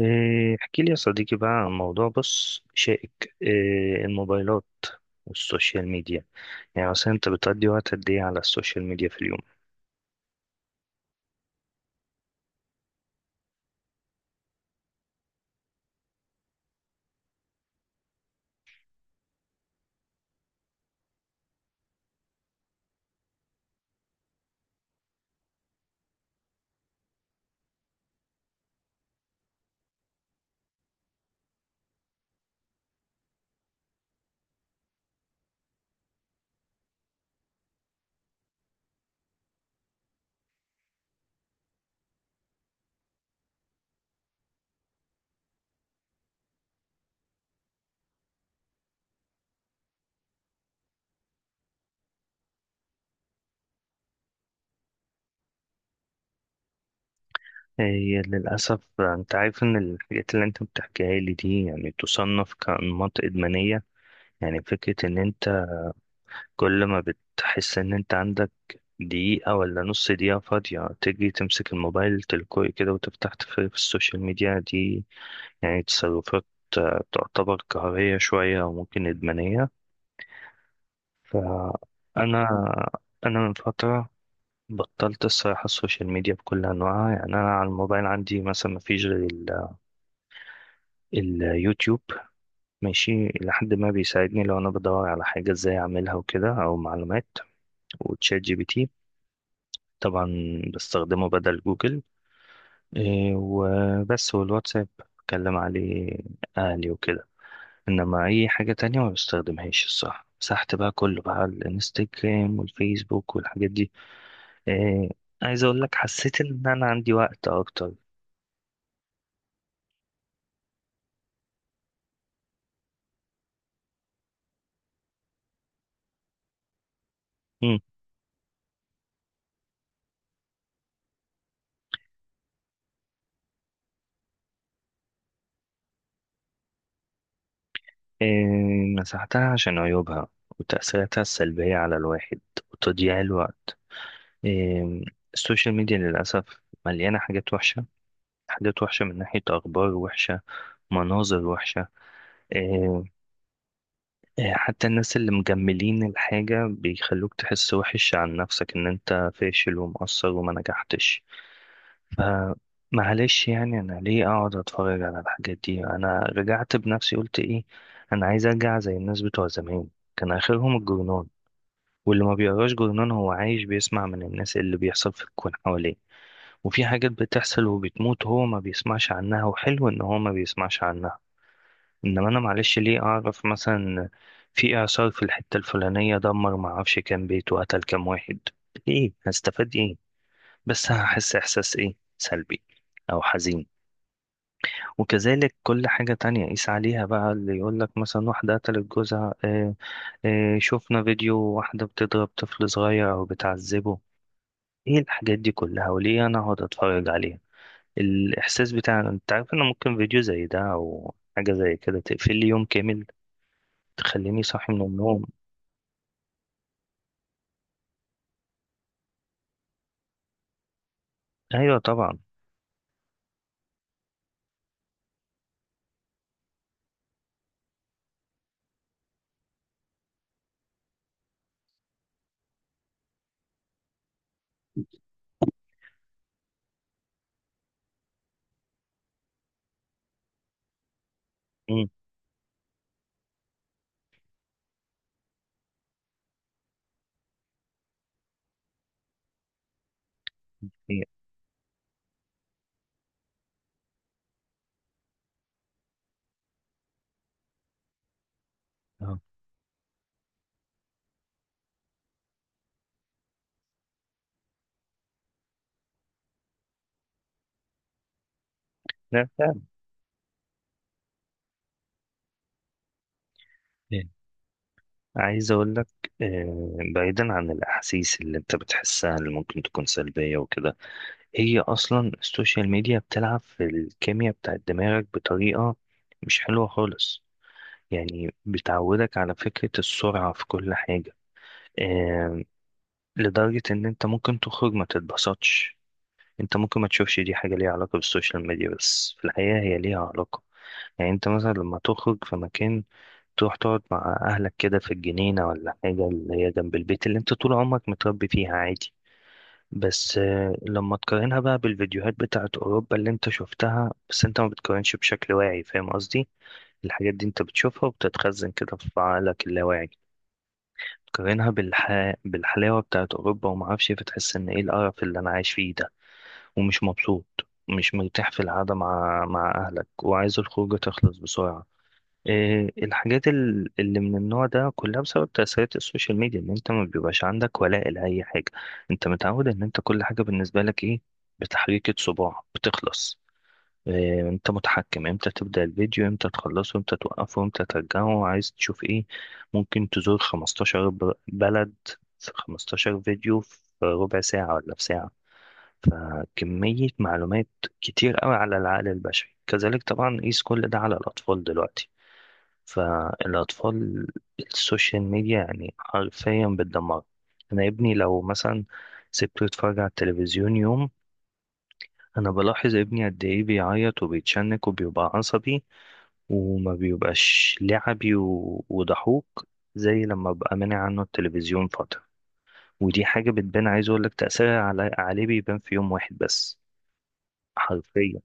إيه، احكي لي يا صديقي بقى عن موضوع بص شائك إيه، الموبايلات والسوشيال ميديا. يعني مثلا انت بتقضي وقت قد ايه على السوشيال ميديا في اليوم؟ آه، هي للأسف انت عارف ان الحاجات اللي انت بتحكيها لي دي يعني تصنف كأنماط إدمانية. يعني فكرة ان انت كل ما بتحس ان انت عندك دقيقة ولا نص دقيقة فاضية تجي تمسك الموبايل تلقائي كده وتفتح تفرج في السوشيال ميديا دي، يعني تصرفات تعتبر قهرية شوية وممكن إدمانية. فأنا أنا من فترة بطلت الصراحة السوشيال ميديا بكل أنواعها، يعني أنا على الموبايل عندي مثلا مفيش غير اليوتيوب، ماشي لحد ما بيساعدني لو أنا بدور على حاجة إزاي أعملها وكده أو معلومات، وتشات جي بي تي طبعا بستخدمه بدل جوجل، إيه وبس، والواتساب بكلم عليه أهلي وكده. إنما أي حاجة تانية ما بستخدمهاش الصراحة، مسحت بقى كله بقى الانستجرام والفيسبوك والحاجات دي. إيه، عايز اقول لك حسيت ان انا عندي وقت اكتر. مم. إيه، مسحتها عشان عيوبها وتأثيراتها السلبية على الواحد وتضييع الوقت. إيه، السوشيال ميديا للأسف مليانة حاجات وحشة، حاجات وحشة من ناحية أخبار وحشة، مناظر وحشة. إيه، إيه حتى الناس اللي مجملين الحاجة بيخلوك تحس وحش عن نفسك، إن أنت فاشل ومقصر وما نجحتش. آه، معلش يعني انا ليه اقعد اتفرج على الحاجات دي. انا رجعت بنفسي قلت ايه، انا عايز ارجع زي الناس بتوع زمان. كان اخرهم الجرنان، واللي ما بيقراش جرنان هو عايش بيسمع من الناس اللي بيحصل في الكون حواليه. وفي حاجات بتحصل وبتموت هو ما بيسمعش عنها، وحلو ان هو ما بيسمعش عنها. انما انا معلش ليه اعرف مثلا في اعصار في الحتة الفلانية دمر ما اعرفش كام بيت وقتل كام واحد. ايه هستفاد ايه؟ بس هحس احساس ايه، سلبي او حزين. وكذلك كل حاجة تانية قيس عليها بقى، اللي يقول لك مثلا واحدة قتلت جوزها، آه، آه، شفنا فيديو واحدة بتضرب طفل صغير أو بتعذبه. إيه الحاجات دي كلها، وليه أنا هقعد أتفرج عليها؟ الإحساس بتاع أنت عارف إن ممكن فيديو زي ده أو حاجة زي كده تقفل لي يوم كامل، تخليني صاحي من النوم. أيوة طبعا. مم. هي- آه. لا فعلا. إيه. عايز أقول لك بعيدا عن الأحاسيس اللي أنت بتحسها اللي ممكن تكون سلبية وكده، هي اصلا السوشيال ميديا بتلعب في الكيمياء بتاعت دماغك بطريقة مش حلوة خالص. يعني بتعودك على فكرة السرعة في كل حاجة، آه، لدرجة ان انت ممكن تخرج ما تتبسطش. انت ممكن ما تشوفش دي حاجة ليها علاقة بالسوشيال ميديا، بس في الحقيقة هي ليها علاقة. يعني انت مثلا لما تخرج في مكان، تروح تقعد مع اهلك كده في الجنينة ولا حاجة اللي هي جنب البيت اللي انت طول عمرك متربي فيها عادي، بس لما تقارنها بقى بالفيديوهات بتاعت أوروبا اللي أنت شفتها، بس أنت ما بتقارنش بشكل واعي، فاهم قصدي؟ الحاجات دي أنت بتشوفها وبتتخزن كده في عقلك اللاواعي، تقارنها بالح... بالحلاوة بتاعت أوروبا وما أعرفش إيه، فتحس إن إيه القرف اللي أنا عايش فيه ده، ومش مبسوط ومش مرتاح في القعدة مع أهلك، وعايز الخروجة تخلص بسرعة. إيه، الحاجات اللي من النوع ده كلها بسبب تأثيرات السوشيال ميديا، ان انت ما بيبقاش عندك ولاء لأي حاجة. انت متعود ان انت كل حاجة بالنسبة لك ايه، بتحريكة صباع بتخلص. إيه، انت متحكم امتى تبدأ الفيديو، امتى تخلصه، امتى توقفه، امتى ترجعه، عايز تشوف ايه. ممكن تزور 15 بلد في 15 فيديو في ربع ساعة ولا في ساعة. فكمية معلومات كتير قوي على العقل البشري. كذلك طبعا قيس كل ده على الأطفال دلوقتي. فالأطفال السوشيال ميديا يعني حرفيا بتدمر. أنا ابني لو مثلا سبته يتفرج على التلفزيون يوم، أنا بلاحظ ابني قد إيه بيعيط وبيتشنك وبيبقى عصبي، وما بيبقاش لعبي وضحوك زي لما ببقى مانع عنه التلفزيون فترة. ودي حاجة بتبان، عايز أقولك تأثيرها على عليه بيبان في يوم واحد بس، حرفيا.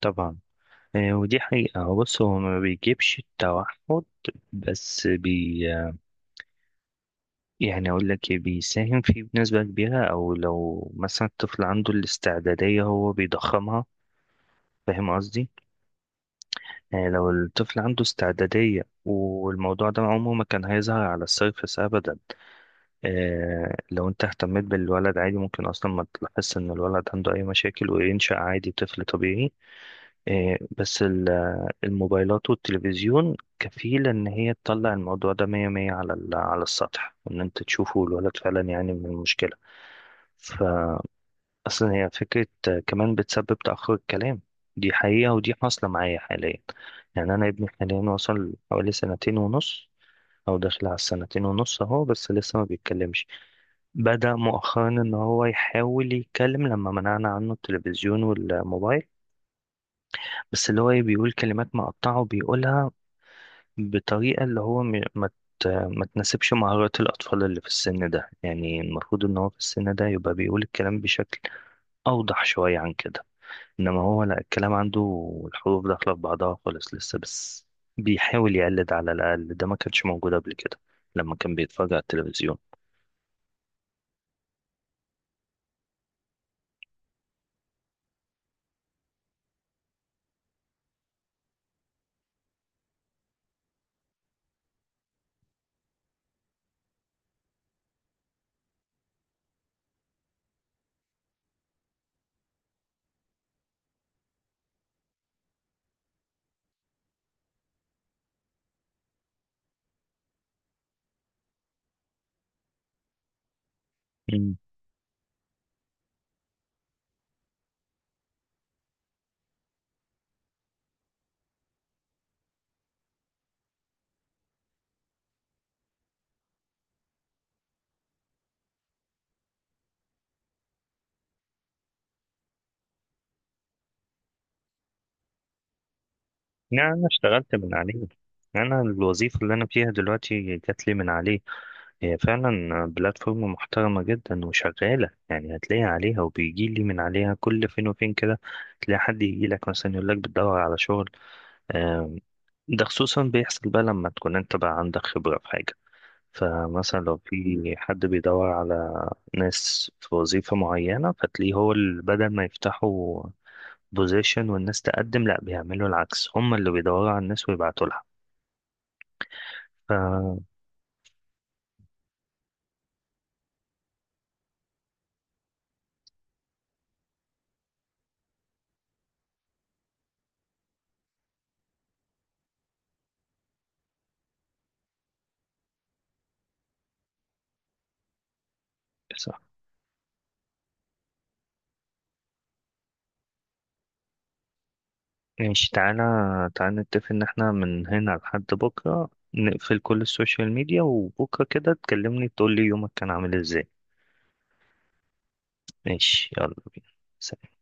طبعا، آه، ودي حقيقة. بص هو ما بيجيبش التوحد، بس يعني أقول لك إيه، بيساهم فيه بنسبة كبيرة. أو لو مثلا الطفل عنده الاستعدادية هو بيضخمها، فاهم قصدي؟ يعني لو الطفل عنده استعدادية والموضوع ده عمره ما كان هيظهر على السيرفس أبدا. آه لو أنت اهتميت بالولد عادي ممكن أصلا ما تلاحظش إن الولد عنده أي مشاكل وينشأ عادي طفل طبيعي. آه بس الموبايلات والتلفزيون كفيلة إن هي تطلع الموضوع ده مية مية على على السطح، وإن أنت تشوفه الولد فعلا يعني من المشكلة. فأصلا هي فكرة كمان بتسبب تأخر الكلام. دي حقيقة ودي حاصلة معايا حاليا. يعني أنا ابني حاليا وصل حوالي سنتين ونص، أو داخل على السنتين ونص أهو، بس لسه ما بيتكلمش. بدأ مؤخرا إن هو يحاول يتكلم لما منعنا عنه التلفزيون والموبايل، بس اللي هو إيه بيقول كلمات مقطعة، وبيقولها بطريقة اللي هو ما تناسبش مهارات الأطفال اللي في السن ده. يعني المفروض إن هو في السن ده يبقى بيقول الكلام بشكل أوضح شوية عن كده، إنما هو لا، الكلام عنده الحروف داخلة في بعضها خالص لسه، بس بيحاول يقلد على الأقل. ده ما كانش موجود قبل كده لما كان بيتفرج على التلفزيون. مم. يعني أنا اشتغلت من عليه، أنا الوظيفة اللي أنا فيها دلوقتي جات لي من عليه. هي فعلا بلاتفورم محترمة جدا وشغالة، يعني هتلاقي عليها وبيجي لي من عليها كل فين وفين كده، تلاقي حد يجي لك مثلا يقول لك بتدور على شغل. آم، ده خصوصا بيحصل بقى لما تكون انت بقى عندك خبرة في حاجة. فمثلا لو في حد بيدور على ناس في وظيفة معينة، فتلاقيه هو بدل ما يفتحوا بوزيشن والناس تقدم، لا بيعملوا العكس، هم اللي بيدوروا على الناس ويبعتوا لها. ف صح، ماشي، تعالى تعالى نتفق ان احنا من هنا لحد بكرة نقفل كل السوشيال ميديا، وبكرة كده تكلمني تقول لي يومك كان عامل ازاي. ماشي يلا بينا. سلام.